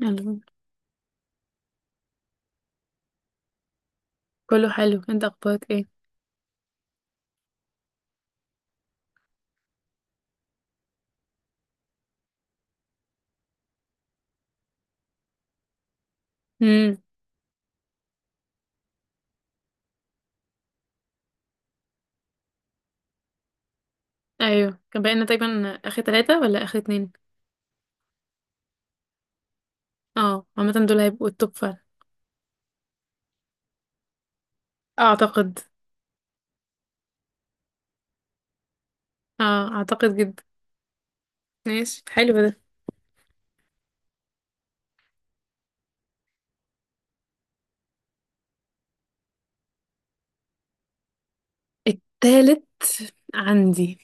يلا، كله حلو. انت اخبارك ايه؟ امم ايوه كان بقينا تقريبا اخر ثلاثة ولا اخر اتنين. اه عامة دول هيبقوا التوب فعلا. اعتقد. اه اعتقد جدا. ماشي حلو ده. التالت عندي.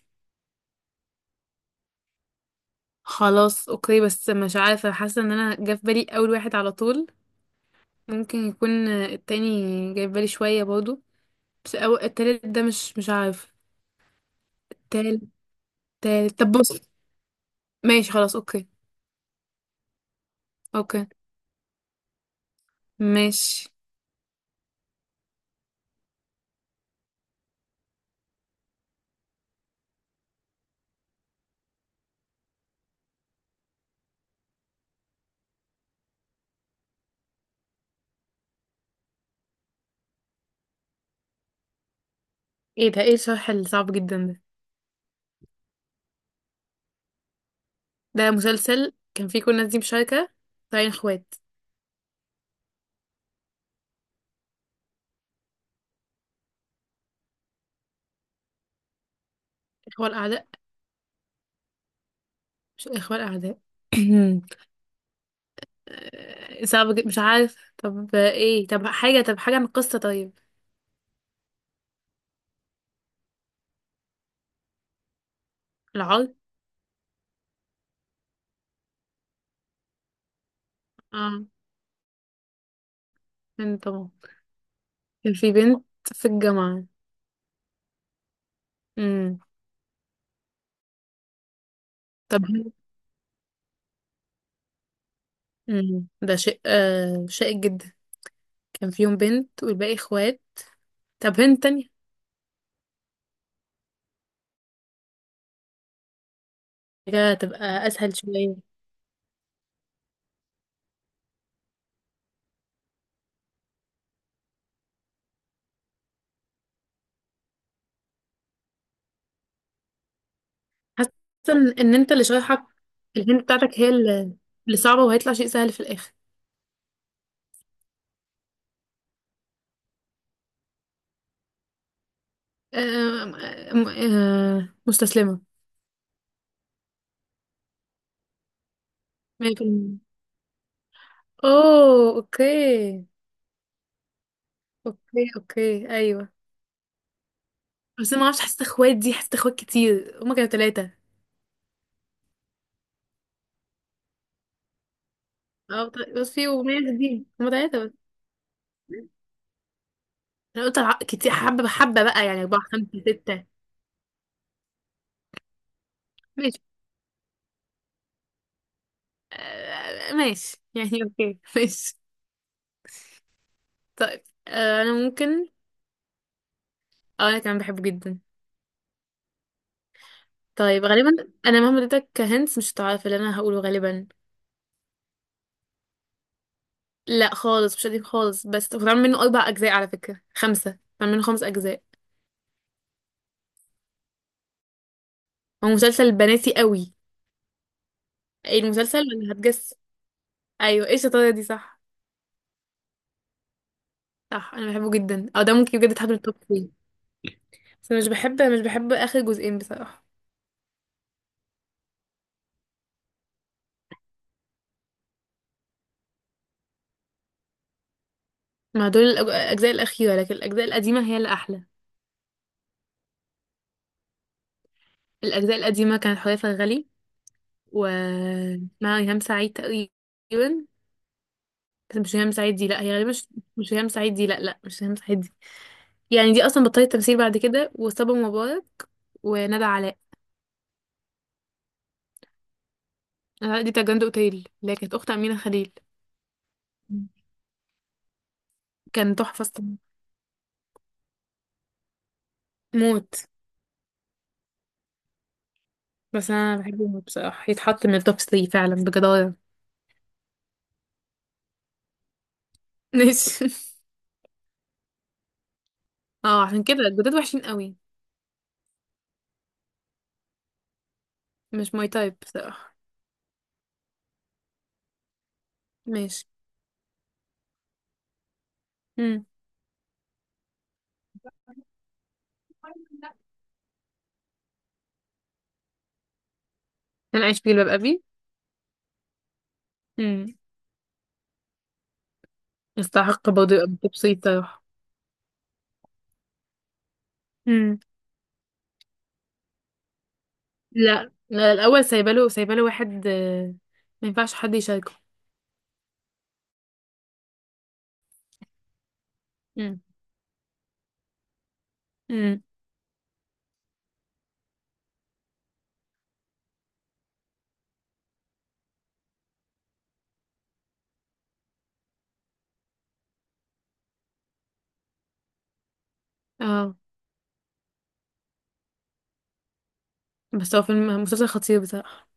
خلاص اوكي، بس مش عارفة، حاسة ان انا جه في بالي اول واحد على طول. ممكن يكون التاني جاي في بالي شوية برضه، بس أو التالت ده مش عارف. تالت. تالت طب بص. ماشي خلاص اوكي. اوكي ماشي. ايه ده، ايه الشرح الصعب جدا ده؟ ده مسلسل كان فيه كل الناس دي مشاركة، طالعين اخوات. اخوة الأعداء. مش اخوة الأعداء. صعب جدا مش عارف. طب ايه؟ طب حاجة، طب حاجة عن القصة طيب. العار. اه بنت طبعا. كان في بنت في الجامعة. امم طب. ده شيء شائك جدا. كان فيهم بنت والباقي اخوات. طب هنت تانية. حاجة تبقى أسهل شوية. حاسة إن أنت اللي شايحك، الهنت بتاعتك هي اللي صعبة، وهيطلع شيء سهل في الآخر. آم، آم، آه، مستسلمة. 100%. اوه اوكي. اوكي اوكي ايوه. بس انا ما اعرفش، حاسه اخوات دي، حاسه اخوات كتير. هما كانوا ثلاثة. اه بس في ومية دي هما ثلاثة بس. انا قلت كتير حبة بحبة بقى يعني اربعة خمسة ستة. ماشي. ماشي يعني اوكي. ماشي. طيب انا ممكن. اه انا كمان بحبه جدا. طيب غالبا انا مهما اديتك هنت مش هتعرف اللي انا هقوله غالبا. لا خالص مش قديم خالص، بس اتعمل منه اربع اجزاء، على فكره خمسه، اتعمل منه خمس اجزاء. هو مسلسل بناتي قوي. ايه المسلسل ولا هتجس؟ ايوه، ايه الشطاره دي؟ صح. صح انا بحبه جدا، او ده ممكن بجد يتحط من التوب 3. بس أنا مش بحب اخر جزئين بصراحه. مع دول الاجزاء الاخيره، لكن الاجزاء القديمه هي اللي احلى. الاجزاء القديمه كانت حوريه فرغلي و مع ريهام سعيد تقريبا. بس مش ريهام سعيد دي، لا هي غالبا مش. مش ريهام سعيد دي، لا لا مش ريهام سعيد دي. يعني دي اصلا بطلت تمثيل بعد كده. وصبا مبارك وندى علاء. ندى علاء دي بتاعت جراند اوتيل، اللي هي كانت اخت امينه خليل. مم. كان تحفه الصراحة. موت. بس انا بحبه موت بصراحه، يتحط من التوب 3 فعلا بجداره. ماشي. اه عشان كده الجداد وحشين قوي. مش ماي تايب بصراحه. ماشي. امم انا عايش في جلباب ابي. امم يستحق برضه يبقى من التوب 3 بصراحه. امم لا لا، الاول سايباله، سايباله واحد ما ينفعش حد يشاركه. امم امم اه بس هو فيلم مسلسل خطير بصراحه.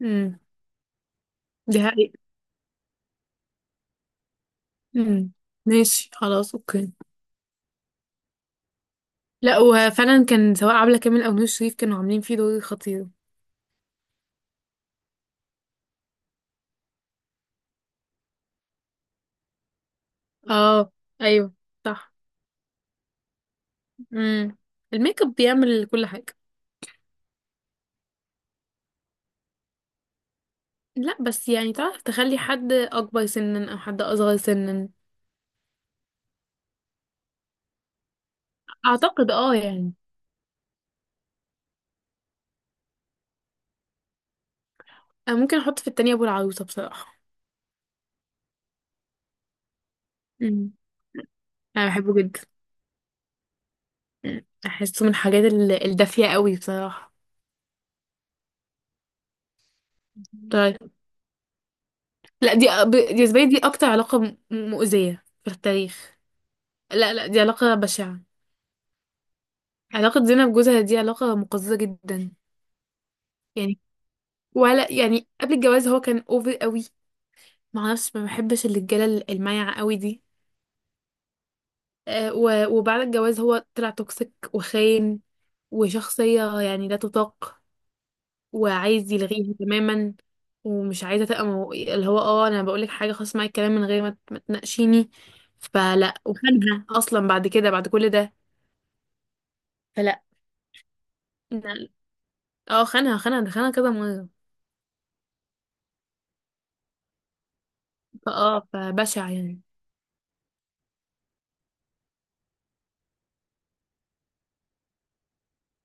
امم دي حقيقة. امم ماشي خلاص اوكي. لا وفعلا كان سواء عبلة كامل او نور شريف كانوا عاملين فيه دور خطير. اه ايوه صح. امم الميك اب بيعمل كل حاجة. لا بس يعني تعرف تخلي حد اكبر سنا او حد اصغر سنا. اعتقد اه يعني. أنا ممكن احط في التانية ابو العروسة بصراحة. امم انا بحبه جدا. مم. احسه من الحاجات الدافية قوي بصراحة. طيب. لا دي بالنسبة لي دي اكتر علاقة مؤذية في التاريخ. لا لا دي علاقة بشعة. علاقة زينب بجوزها دي علاقة مقززة جدا. يعني ولا يعني قبل الجواز هو كان اوفر قوي. معرفش، ما بحبش الرجالة المايعة قوي دي. وبعد الجواز هو طلع توكسيك وخاين، وشخصية يعني لا تطاق، وعايز يلغيها تماما، ومش عايزة تبقى اللي هو اه انا بقولك حاجة خلاص معايا، الكلام من غير ما تناقشيني. فلا، وخانها اصلا بعد كده، بعد كل ده. فلا. لا. اه خانها خانها خانها كذا مرة. فاه فبشع يعني.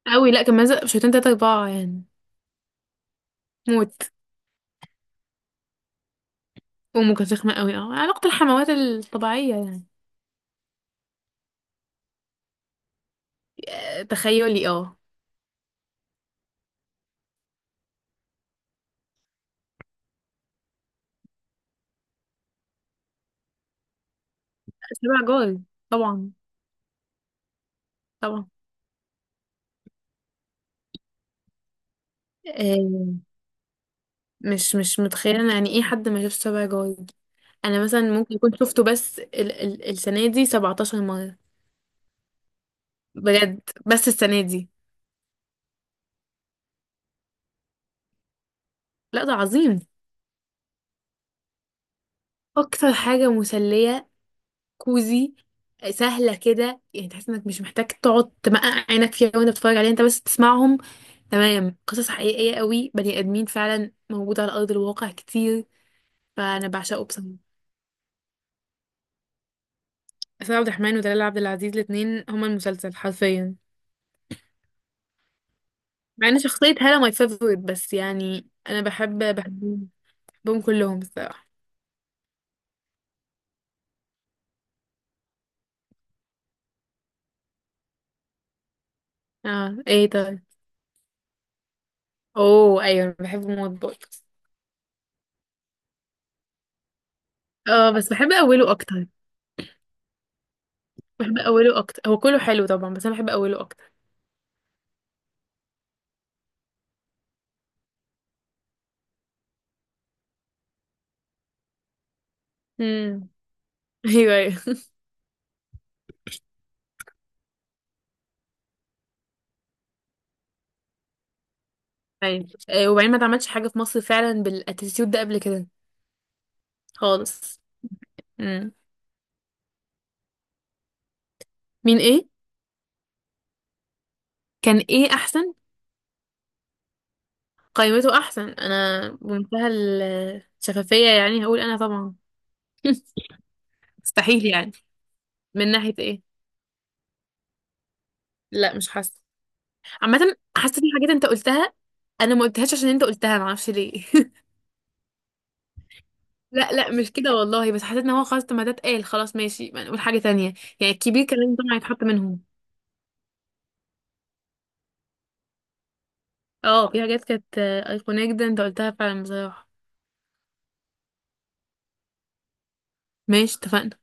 قوي. لا كان مازق بشويتين تلاتة أربعة يعني. موت. أمه كانت رخمة قوي. اه علاقة الحموات الطبيعية يعني. تخيلي اه. سبع جار. طبعا. طبعا. آه، مش متخيلة أنا يعني ايه حد ما شافش سبع جار. أنا مثلا ممكن أكون شفته بس ال ال السنة دي 17 مرة. بجد. بس السنة دي. لا ده عظيم. أكتر حاجة مسلية، كوزي، سهلة كده. يعني تحس انك مش محتاج تقعد تمقع عينك فيها وانت بتتفرج عليها، انت بس تسمعهم. تمام. قصص حقيقية قوي، بني آدمين فعلا موجودة على أرض الواقع كتير. فأنا بعشقه بصراحة. آسر عبد الرحمن ودلال عبد العزيز، الاتنين هما المسلسل حرفيا. مع ان شخصية هالة ماي فيفورت، بس يعني أنا بحبهم. بحبهم كلهم الصراحة. اه ايه طيب. اوه ايوه أنا بحب موت برضه. اه بس بحب أوله أكتر. بحب أوله أكتر، هو كله حلو طبعا بس أنا بحب أوله أكتر. ايوه ايوه. أيوة. وبعدين ما اتعملش حاجه في مصر فعلا بالاتيتيود ده قبل كده خالص. امم مين ايه؟ كان ايه احسن؟ قائمته احسن. انا بمنتهى الشفافيه يعني هقول انا طبعا. مستحيل يعني. من ناحيه ايه؟ لا مش حاسه. عامه. حاسه في حاجات انت قلتها، انا ما قلتهاش عشان انت قلتها، ما اعرفش ليه. لا لا مش كده والله، بس حسيت ان هو خلاص طب ما ده اتقال خلاص ماشي ما نقول حاجه تانية. يعني الكبير كان لازم طبعا يتحط منهم. اه في حاجات كانت ايقونيه جدا انت قلتها فعلا بصراحه. ماشي اتفقنا.